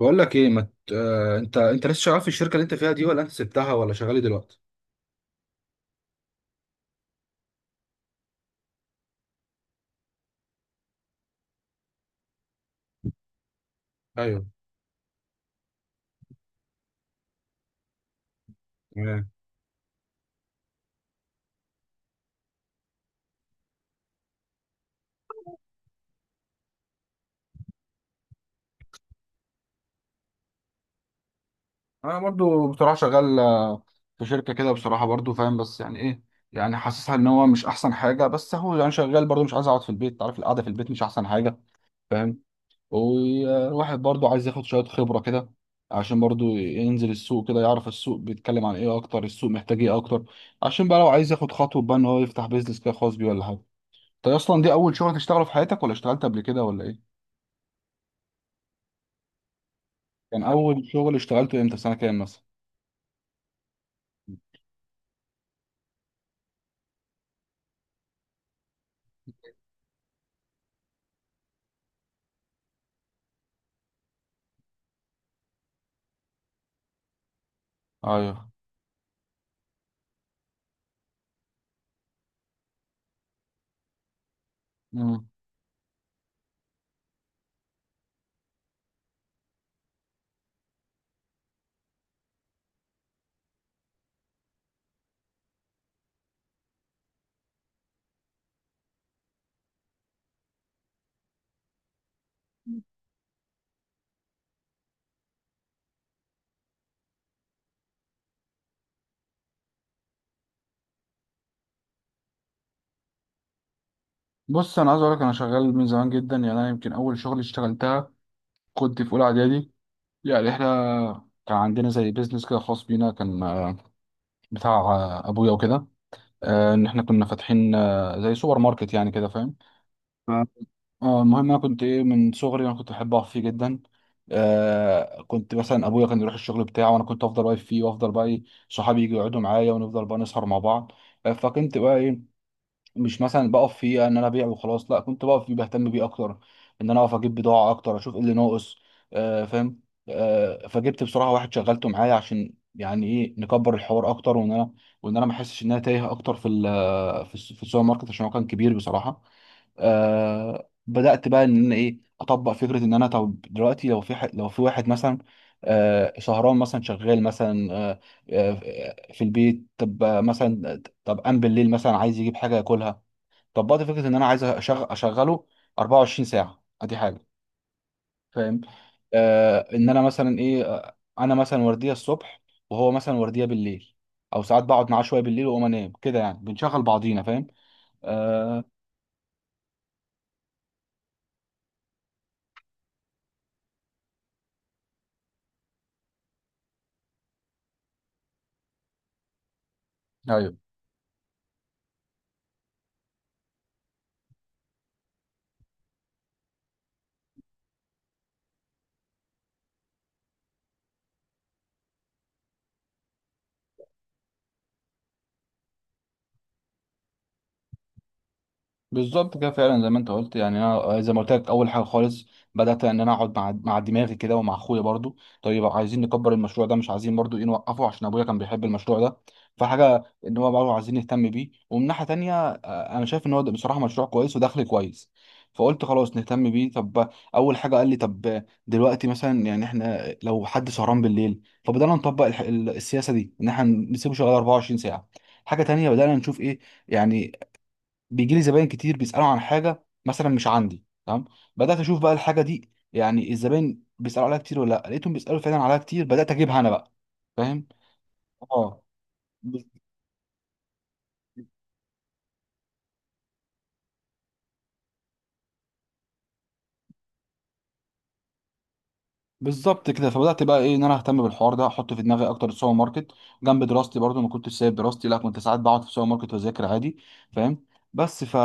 بقول لك ايه ما ت... آه... انت لسه شغال في الشركه اللي انت فيها دي، ولا انت سبتها، ولا شغال إيه دلوقتي؟ ايوه. تمام. انا برضو بصراحه شغال، في شركه كده بصراحه، برضو فاهم، بس يعني ايه، يعني حاسسها ان هو مش احسن حاجه، بس هو يعني شغال برضو، مش عايز اقعد في البيت، عارف القعده في البيت مش احسن حاجه. فاهم. والواحد برضو عايز ياخد شويه خبره كده، عشان برضو ينزل السوق كده يعرف السوق بيتكلم عن ايه اكتر، السوق محتاج ايه اكتر، عشان بقى لو عايز ياخد خطوه بقى ان هو يفتح بيزنس كده خاص بيه ولا حاجه. انت اصلا دي اول شغل تشتغله في حياتك، ولا اشتغلت قبل كده ولا ايه؟ كان اول شغل اشتغلته امتى، في سنه كام مثلا؟ ايوه. مم. بص انا عايز اقول لك، انا شغال من زمان جدا. يعني انا يمكن اول شغل اشتغلتها كنت في اولى اعدادي. يعني احنا كان عندنا زي بيزنس كده خاص بينا، كان بتاع ابويا وكده. ان احنا كنا فاتحين زي سوبر ماركت يعني كده، فاهم. ف- اه، المهم انا كنت ايه، من صغري انا كنت بحب اقف فيه جدا. كنت مثلا ابويا كان يروح الشغل بتاعه، وانا كنت افضل واقف فيه وافضل بقى ايه، صحابي يجوا يقعدوا معايا ونفضل بقى نسهر مع بعض. فكنت بقى ايه، مش مثلا بقف فيه ان انا ابيع وخلاص، لا، كنت بقف فيه بهتم بيه اكتر، ان انا اقف اجيب بضاعه اكتر، اشوف ايه اللي ناقص. فاهم. فجبت بصراحه واحد شغلته معايا عشان يعني ايه نكبر الحوار اكتر، وان انا ما احسش ان انا تايه اكتر في السوبر ماركت، عشان هو كان كبير بصراحه. بدأت بقى ان انا ايه اطبق فكرة، ان انا طب دلوقتي لو في واحد مثلا شهران مثلا شغال، مثلا في البيت، طب مثلا طب قام بالليل مثلا عايز يجيب حاجة ياكلها، طبقت فكرة ان انا عايز اشغله 24 ساعة، ادي حاجة، فاهم. ان انا مثلا ايه، انا مثلا وردية الصبح، وهو مثلا وردية بالليل، او ساعات بقعد معاه شوية بالليل واقوم انام كده، يعني بنشغل بعضينا، فاهم. آه... بالظبط كده، فعلا زي ما انت قلت. يعني انا زي ما قلت لك، اول حاجه خالص بدات ان انا اقعد مع دماغي كده، ومع اخويا برضو، طيب عايزين نكبر المشروع ده، مش عايزين برضو ايه نوقفه، عشان ابويا كان بيحب المشروع ده، فحاجه ان هو برضو عايزين نهتم بيه، ومن ناحيه تانيه انا شايف ان هو ده بصراحه مشروع كويس ودخل كويس. فقلت خلاص نهتم بيه. طب اول حاجه قال لي طب دلوقتي مثلا، يعني احنا لو حد سهران بالليل، فبدانا نطبق السياسه دي، ان احنا نسيبه شغال 24 ساعه. حاجه تانيه بدانا نشوف ايه، يعني بيجي لي زباين كتير بيسالوا عن حاجه مثلا مش عندي، تمام. بدات اشوف بقى الحاجه دي، يعني الزباين بيسالوا عليها كتير ولا لا، لقيتهم بيسالوا فعلا عليها كتير، بدات اجيبها انا بقى، فاهم. اه، بالظبط كده، فبدات بقى ايه ان انا اهتم بالحوار ده، احط في دماغي اكتر السوبر ماركت جنب دراستي، برضو ما كنتش سايب دراستي، لا كنت ساعات بقعد في السوبر ماركت واذاكر عادي، فاهم. بس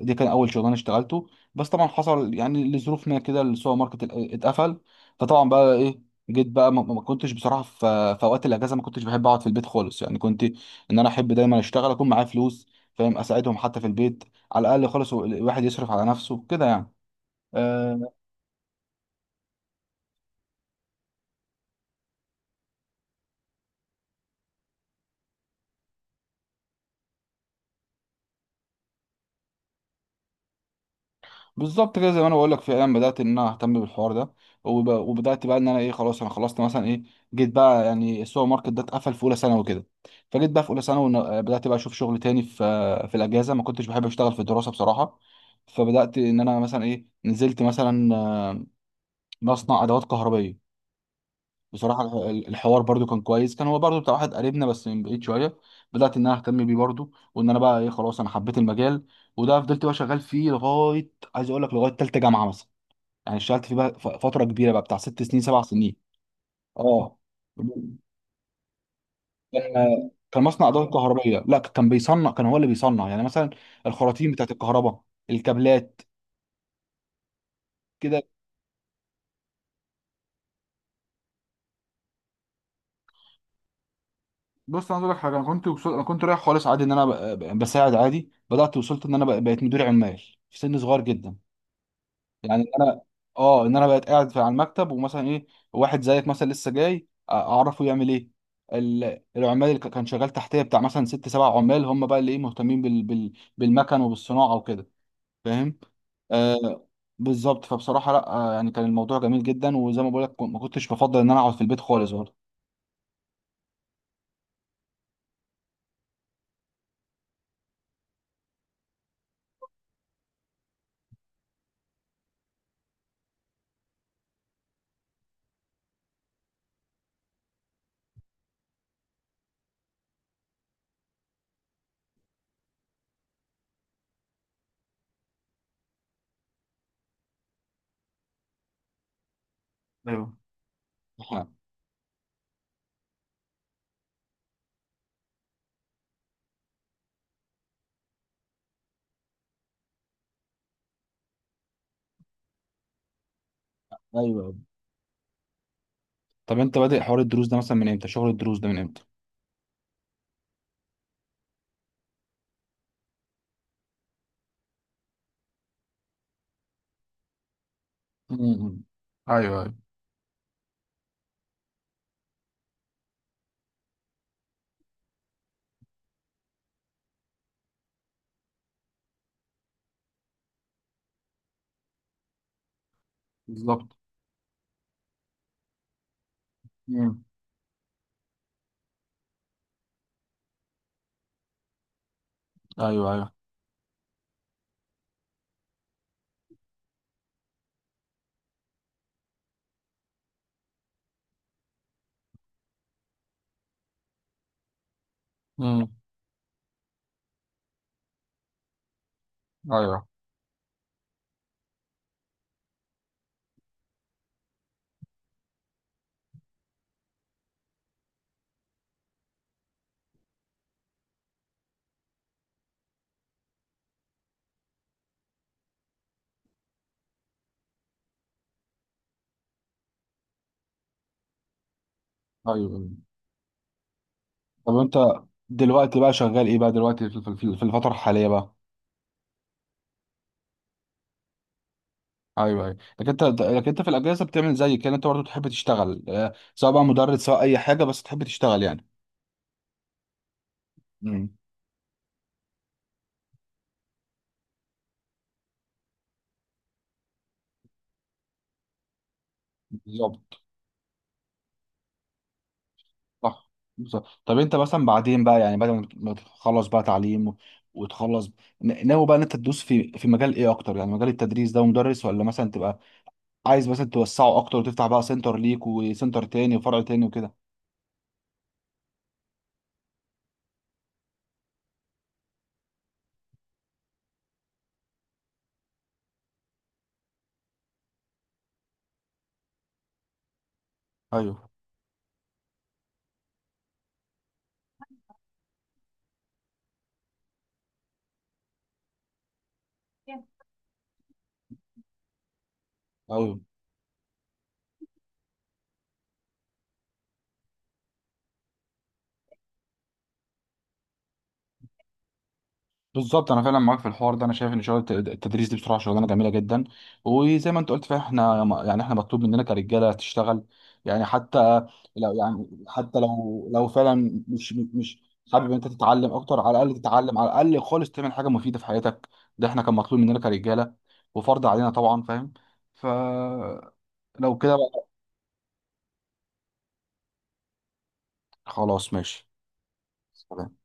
دي كان اول شغلانه اشتغلته. بس طبعا حصل يعني لظروف ما كده السوبر ماركت اتقفل، فطبعا بقى ايه جيت بقى، ما كنتش بصراحه في اوقات الاجازه، ما كنتش بحب اقعد في البيت خالص يعني، كنت ان انا احب دايما اشتغل، اكون معايا فلوس، فاهم، اساعدهم حتى في البيت، على الاقل خالص الواحد يصرف على نفسه كده يعني. آه، بالظبط كده، زي ما انا بقول لك فعلا بدات ان انا اهتم بالحوار ده، وبدات بقى ان انا ايه خلاص، انا خلصت مثلا ايه، جيت بقى يعني السوبر ماركت ده اتقفل في اولى ثانوي وكده، فجيت بقى في اولى ثانوي بدات بقى اشوف شغل تاني في في الاجازه، ما كنتش بحب اشتغل في الدراسه بصراحه. فبدات ان انا مثلا ايه، نزلت مثلا مصنع ادوات كهربائيه بصراحه. الحوار برضو كان كويس، كان هو برضو بتاع واحد قريبنا، بس من بعيد شويه. بدات ان انا اهتم بيه برضو، وان انا بقى ايه خلاص انا حبيت المجال، وده فضلت بقى شغال فيه لغايه عايز اقول لك لغايه ثالثه جامعه مثلا، يعني اشتغلت فيه بقى فتره كبيره بقى بتاع 6 سنين 7 سنين. اه، كان مصنع ادوات كهربائيه، لا كان بيصنع، كان هو اللي بيصنع يعني مثلا الخراطيم بتاعت الكهرباء، الكابلات كده. بص انا عايز اقول لك حاجه، انا انا كنت رايح خالص عادي، ان انا بساعد عادي، بدات وصلت ان انا بقيت مدير عمال في سن صغير جدا، يعني ان انا اه ان انا بقيت قاعد في على المكتب، ومثلا ايه واحد زيك مثلا لسه جاي اعرفه يعمل ايه، العمال اللي كان شغال تحتيه بتاع مثلا ست سبع عمال، هم بقى اللي ايه مهتمين بالمكن وبالصناعه وكده، فاهم. آه بالظبط. فبصراحه لا، آه يعني كان الموضوع جميل جدا، وزي ما بقول لك ما كنتش بفضل ان انا اقعد في البيت خالص برضه. ايوه. آه، ايوه. طب انت بادئ حوار الدروس ده مثلا من امتى، شغل الدروس ده من امتى؟ امم. ايوه، ايوه. بالظبط. مم. ايوه، ايوه. امم. ايوه، ايوه. طب انت دلوقتي بقى شغال ايه بقى دلوقتي في الفتره الحاليه بقى؟ ايوه، ايوه. لكن انت في الاجازه بتعمل زي كده، انت برضه تحب تشتغل، سواء بقى مدرس سواء اي حاجه، بس تحب تشتغل يعني. مم. بالظبط. صح. بالظبط. طب انت مثلا بعدين بقى يعني بعد ما تخلص بقى تعليم وتخلص، ناوي بقى ان انت تدوس في مجال ايه اكتر، يعني مجال التدريس ده ومدرس، ولا مثلا تبقى عايز مثلا توسعه اكتر، وتفتح بقى سنتر ليك وسنتر تاني وفرع تاني وكده؟ ايوه، ايوه. بالظبط، انا فعلا معاك في الحوار ده، انا شايف ان شغل التدريس دي بصراحه شغلانه جميله جدا. وزي ما انت قلت فعلا احنا يعني احنا مطلوب مننا كرجاله تشتغل، يعني حتى لو يعني حتى لو فعلا مش حابب انت تتعلم اكتر، على الاقل تتعلم، على الاقل خالص تعمل حاجه مفيده في حياتك. ده احنا كان مطلوب مننا كرجاله، وفرض علينا طبعا، فاهم. فلو كده بقى، خلاص ماشي. سلام.